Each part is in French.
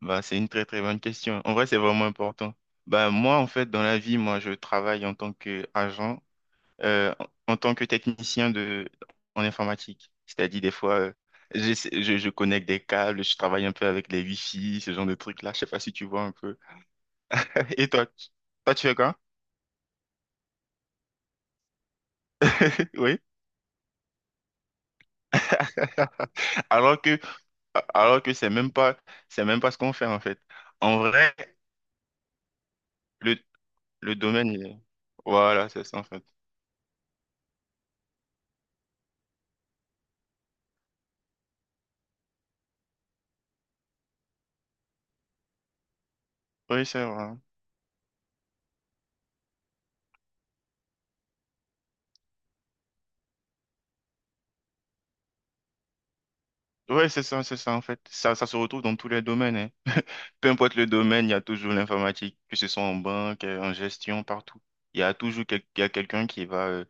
Bah, c'est une très très bonne question. En vrai, c'est vraiment important. Bah, moi, en fait, dans la vie, moi, je travaille en tant qu'agent, euh, en en tant que technicien de, en informatique. C'est-à-dire, des fois, je connecte des câbles, je travaille un peu avec les Wi-Fi, ce genre de trucs-là. Je sais pas si tu vois un peu. Et toi, tu fais quoi? Oui. Alors que, alors que c'est même pas ce qu'on fait, en fait. En vrai, le, le domaine, il est- voilà, c'est ça, en fait. Oui, c'est vrai. Ouais, c'est ça en fait. Ça se retrouve dans tous les domaines, hein. Peu importe le domaine, il y a toujours l'informatique, que ce soit en banque, en gestion, partout. Il y a toujours il y a quelqu'un qui va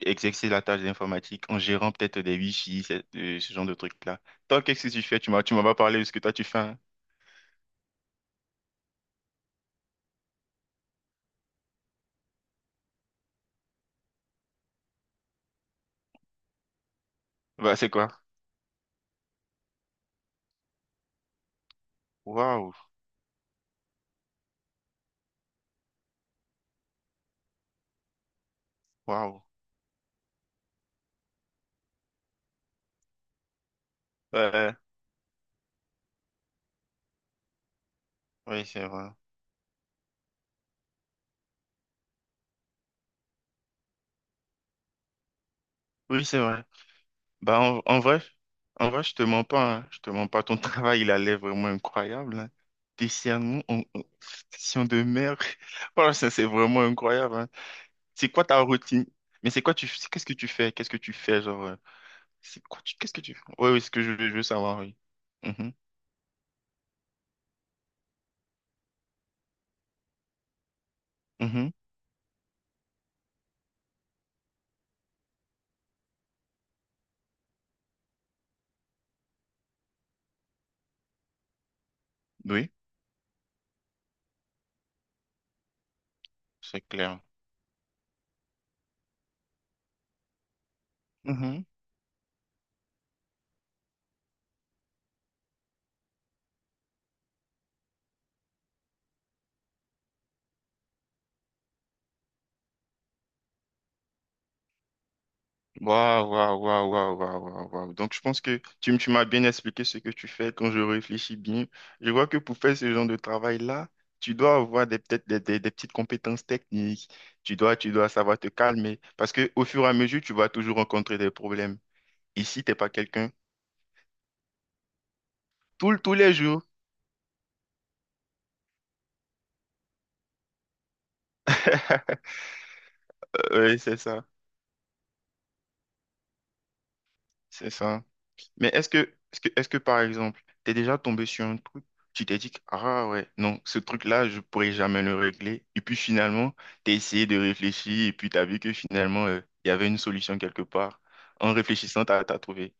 exercer la tâche d'informatique en gérant peut-être des wifi, ce genre de trucs-là. Toi, qu'est-ce que tu fais? Tu m'as pas parlé de ce que toi tu fais, hein. Bah, c'est quoi? Waouh, waouh. Ouais, ouais, oui, c'est vrai. Oui, c'est vrai. Bah, en vrai, je te mens pas, hein. Je te mens pas. Ton travail, il allait vraiment incroyable, hein. Discernement, station de mer. Voilà, ça, c'est vraiment incroyable, hein. C'est quoi ta routine? Mais c'est quoi tu, c'est- qu'est-ce que tu fais? Qu'est-ce que tu fais, genre, qu'est-ce que tu fais? Oui, oui, ce que je veux savoir, oui. Mhm, mhm. Oui, c'est clair. Waouh, waouh, waouh, waouh, waouh, waouh, waouh. Donc, je pense que tu m'as bien expliqué ce que tu fais quand je réfléchis bien. Je vois que pour faire ce genre de travail-là, tu dois avoir des, peut-être des petites compétences techniques. Tu dois savoir te calmer parce que au fur et à mesure, tu vas toujours rencontrer des problèmes. Ici, t'es pas quelqu'un. Tout, tous les jours. Oui, c'est ça. C'est ça. Mais est-ce que par exemple, t'es déjà tombé sur un truc, tu t'es dit, que, ah ouais, non, ce truc-là, je pourrais jamais le régler. Et puis finalement, t'as essayé de réfléchir et puis t'as vu que finalement, il y avait une solution quelque part. En réfléchissant, t'as trouvé.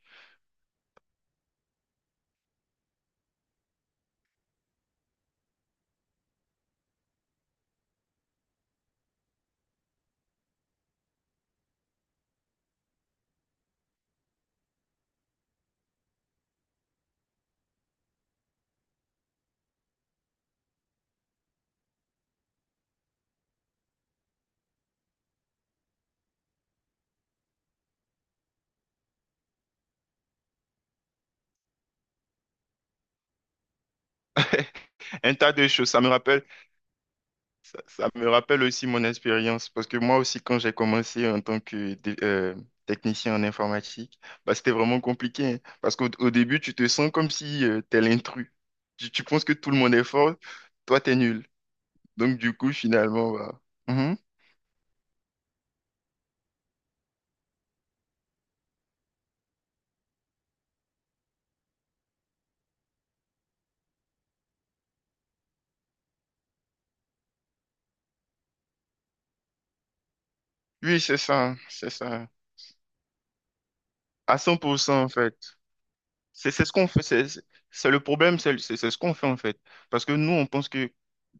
Un tas de choses. Ça me rappelle, ça me rappelle aussi mon expérience. Parce que moi aussi, quand j'ai commencé en tant que technicien en informatique, bah, c'était vraiment compliqué, hein. Parce qu'au au début, tu te sens comme si t'es l'intrus. Tu penses que tout le monde est fort. Toi, t'es nul. Donc, du coup, finalement, bah, mhm. Oui, c'est ça, c'est ça. À 100%, en fait. C'est ce qu'on fait, c'est le problème, c'est ce qu'on fait, en fait. Parce que nous, on pense que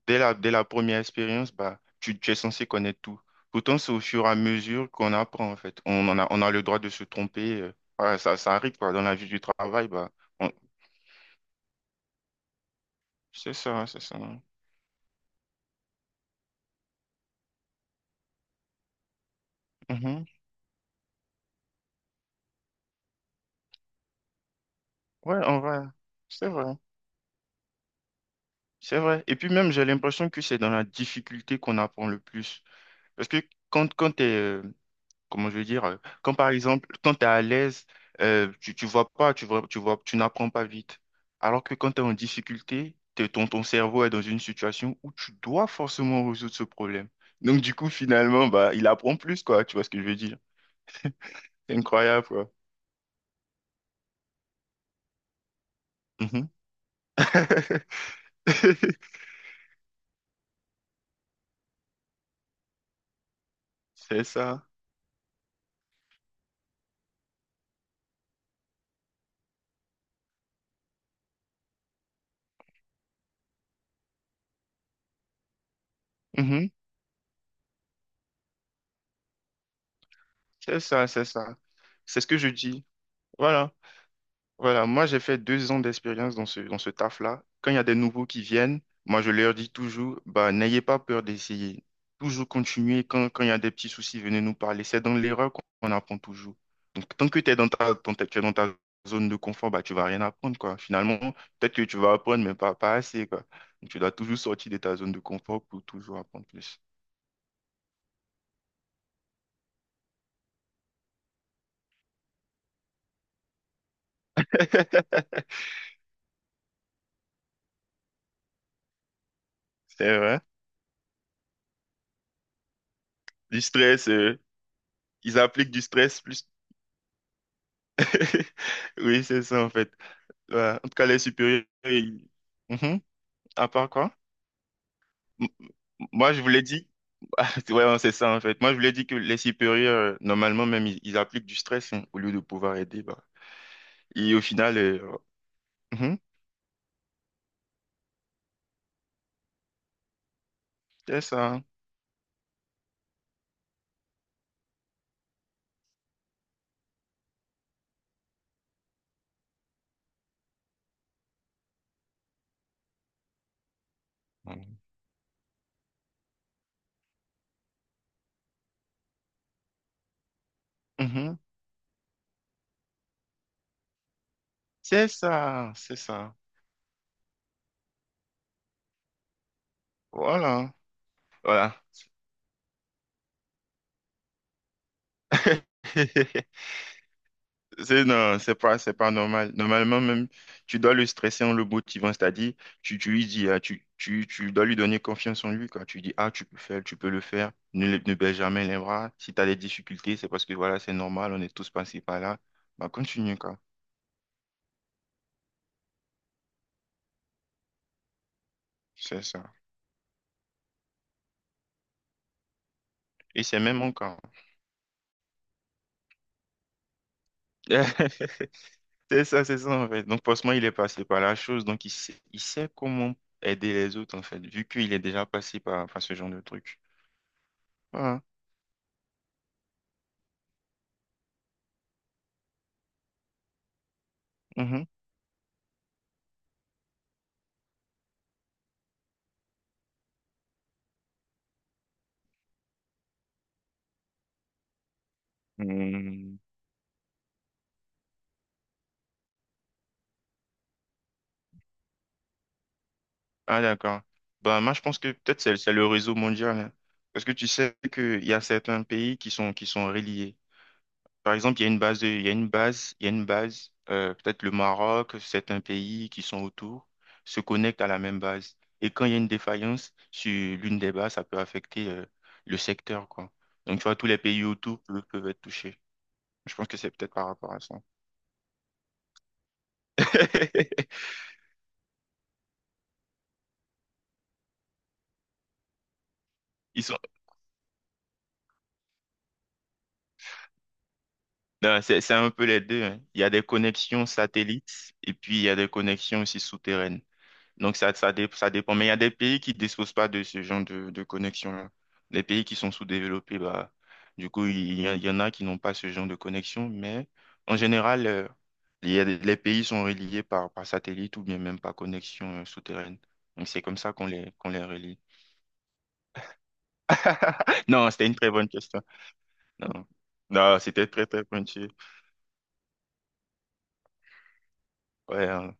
dès la première expérience, bah, tu es censé connaître tout. Pourtant, c'est au fur et à mesure qu'on apprend, en fait. On a le droit de se tromper. Voilà, ça arrive, quoi. Dans la vie du travail, bah, on- c'est ça, c'est ça. Mhm. Ouais, en vrai, c'est vrai. C'est vrai. Et puis même, j'ai l'impression que c'est dans la difficulté qu'on apprend le plus. Parce que quand, quand t'es, comment je veux dire, quand par exemple, quand t'es à l'aise, tu vois pas, tu n'apprends pas vite. Alors que quand t'es en difficulté, ton cerveau est dans une situation où tu dois forcément résoudre ce problème. Donc du coup, finalement, bah, il apprend plus, quoi. Tu vois ce que je veux dire? C'est incroyable, quoi. Mhm. C'est ça. Mhm. C'est ça, c'est ça. C'est ce que je dis. Voilà. Voilà, moi j'ai fait deux ans d'expérience dans ce taf-là. Quand il y a des nouveaux qui viennent, moi je leur dis toujours, bah, n'ayez pas peur d'essayer. Toujours continuer. Quand il y a des petits soucis, venez nous parler. C'est dans l'erreur qu'on apprend toujours. Donc tant que tu es dans ta zone de confort, bah, tu vas rien apprendre, quoi. Finalement, peut-être que tu vas apprendre, mais pas assez, quoi. Donc, tu dois toujours sortir de ta zone de confort pour toujours apprendre plus. C'est vrai. Du stress, euh, ils appliquent du stress plus. Oui, c'est ça en fait. Ouais, en tout cas, les supérieurs, ils- Mhm. À part quoi? M- Moi, je vous l'ai dit. Ah, ouais, c'est ça, en fait. Moi, je vous l'ai dit que les supérieurs, normalement, même, ils appliquent du stress, hein, au lieu de pouvoir aider, bah. Et au final, mhm, c'est ça. Mhm. Mhm. C'est ça, c'est ça. Voilà. Voilà. C'est non, c'est pas normal. Normalement, même, tu dois le stresser en le motivant, c'est-à-dire, tu lui dis, ah, tu dois lui donner confiance en lui, quoi. Tu dis, ah, tu peux le faire, ne baisse jamais les bras. Si tu as des difficultés, c'est parce que, voilà, c'est normal, on est tous passés par là. Bah, continue, quoi. C'est ça. Et c'est même encore. C'est ça, en fait. Donc, forcément, il est passé par la chose, donc il sait comment aider les autres, en fait, vu qu'il est déjà passé par, par ce genre de truc. Voilà. Mhm. Ah d'accord. Bah moi je pense que peut-être c'est le réseau mondial, hein. Parce que tu sais qu'il y a certains pays qui sont reliés. Par exemple, il y a une base de- il y a une base, il y a une base, peut-être le Maroc, certains pays qui sont autour se connectent à la même base. Et quand il y a une défaillance sur l'une des bases, ça peut affecter le secteur, quoi. Donc tu vois, tous les pays autour peuvent être touchés. Je pense que c'est peut-être par rapport à ça. Ils Non, c'est un peu les deux, hein. Il y a des connexions satellites et puis il y a des connexions aussi souterraines. Donc ça dépend. Mais il y a des pays qui ne disposent pas de ce genre de connexion-là. Les pays qui sont sous-développés, bah, du coup, il y en a qui n'ont pas ce genre de connexion. Mais en général, il y a des- les pays sont reliés par, par satellite ou bien même par connexion souterraine. Donc c'est comme ça qu'on les relie. Non, c'était une très bonne question. Non, non, c'était très, très pointu. Ouais, hein.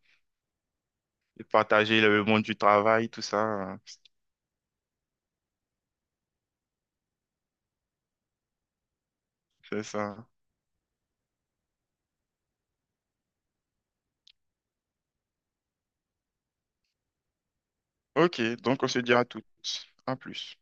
Partager le monde du travail, tout ça. C'est ça. Ok, donc on se dit à toutes. À plus.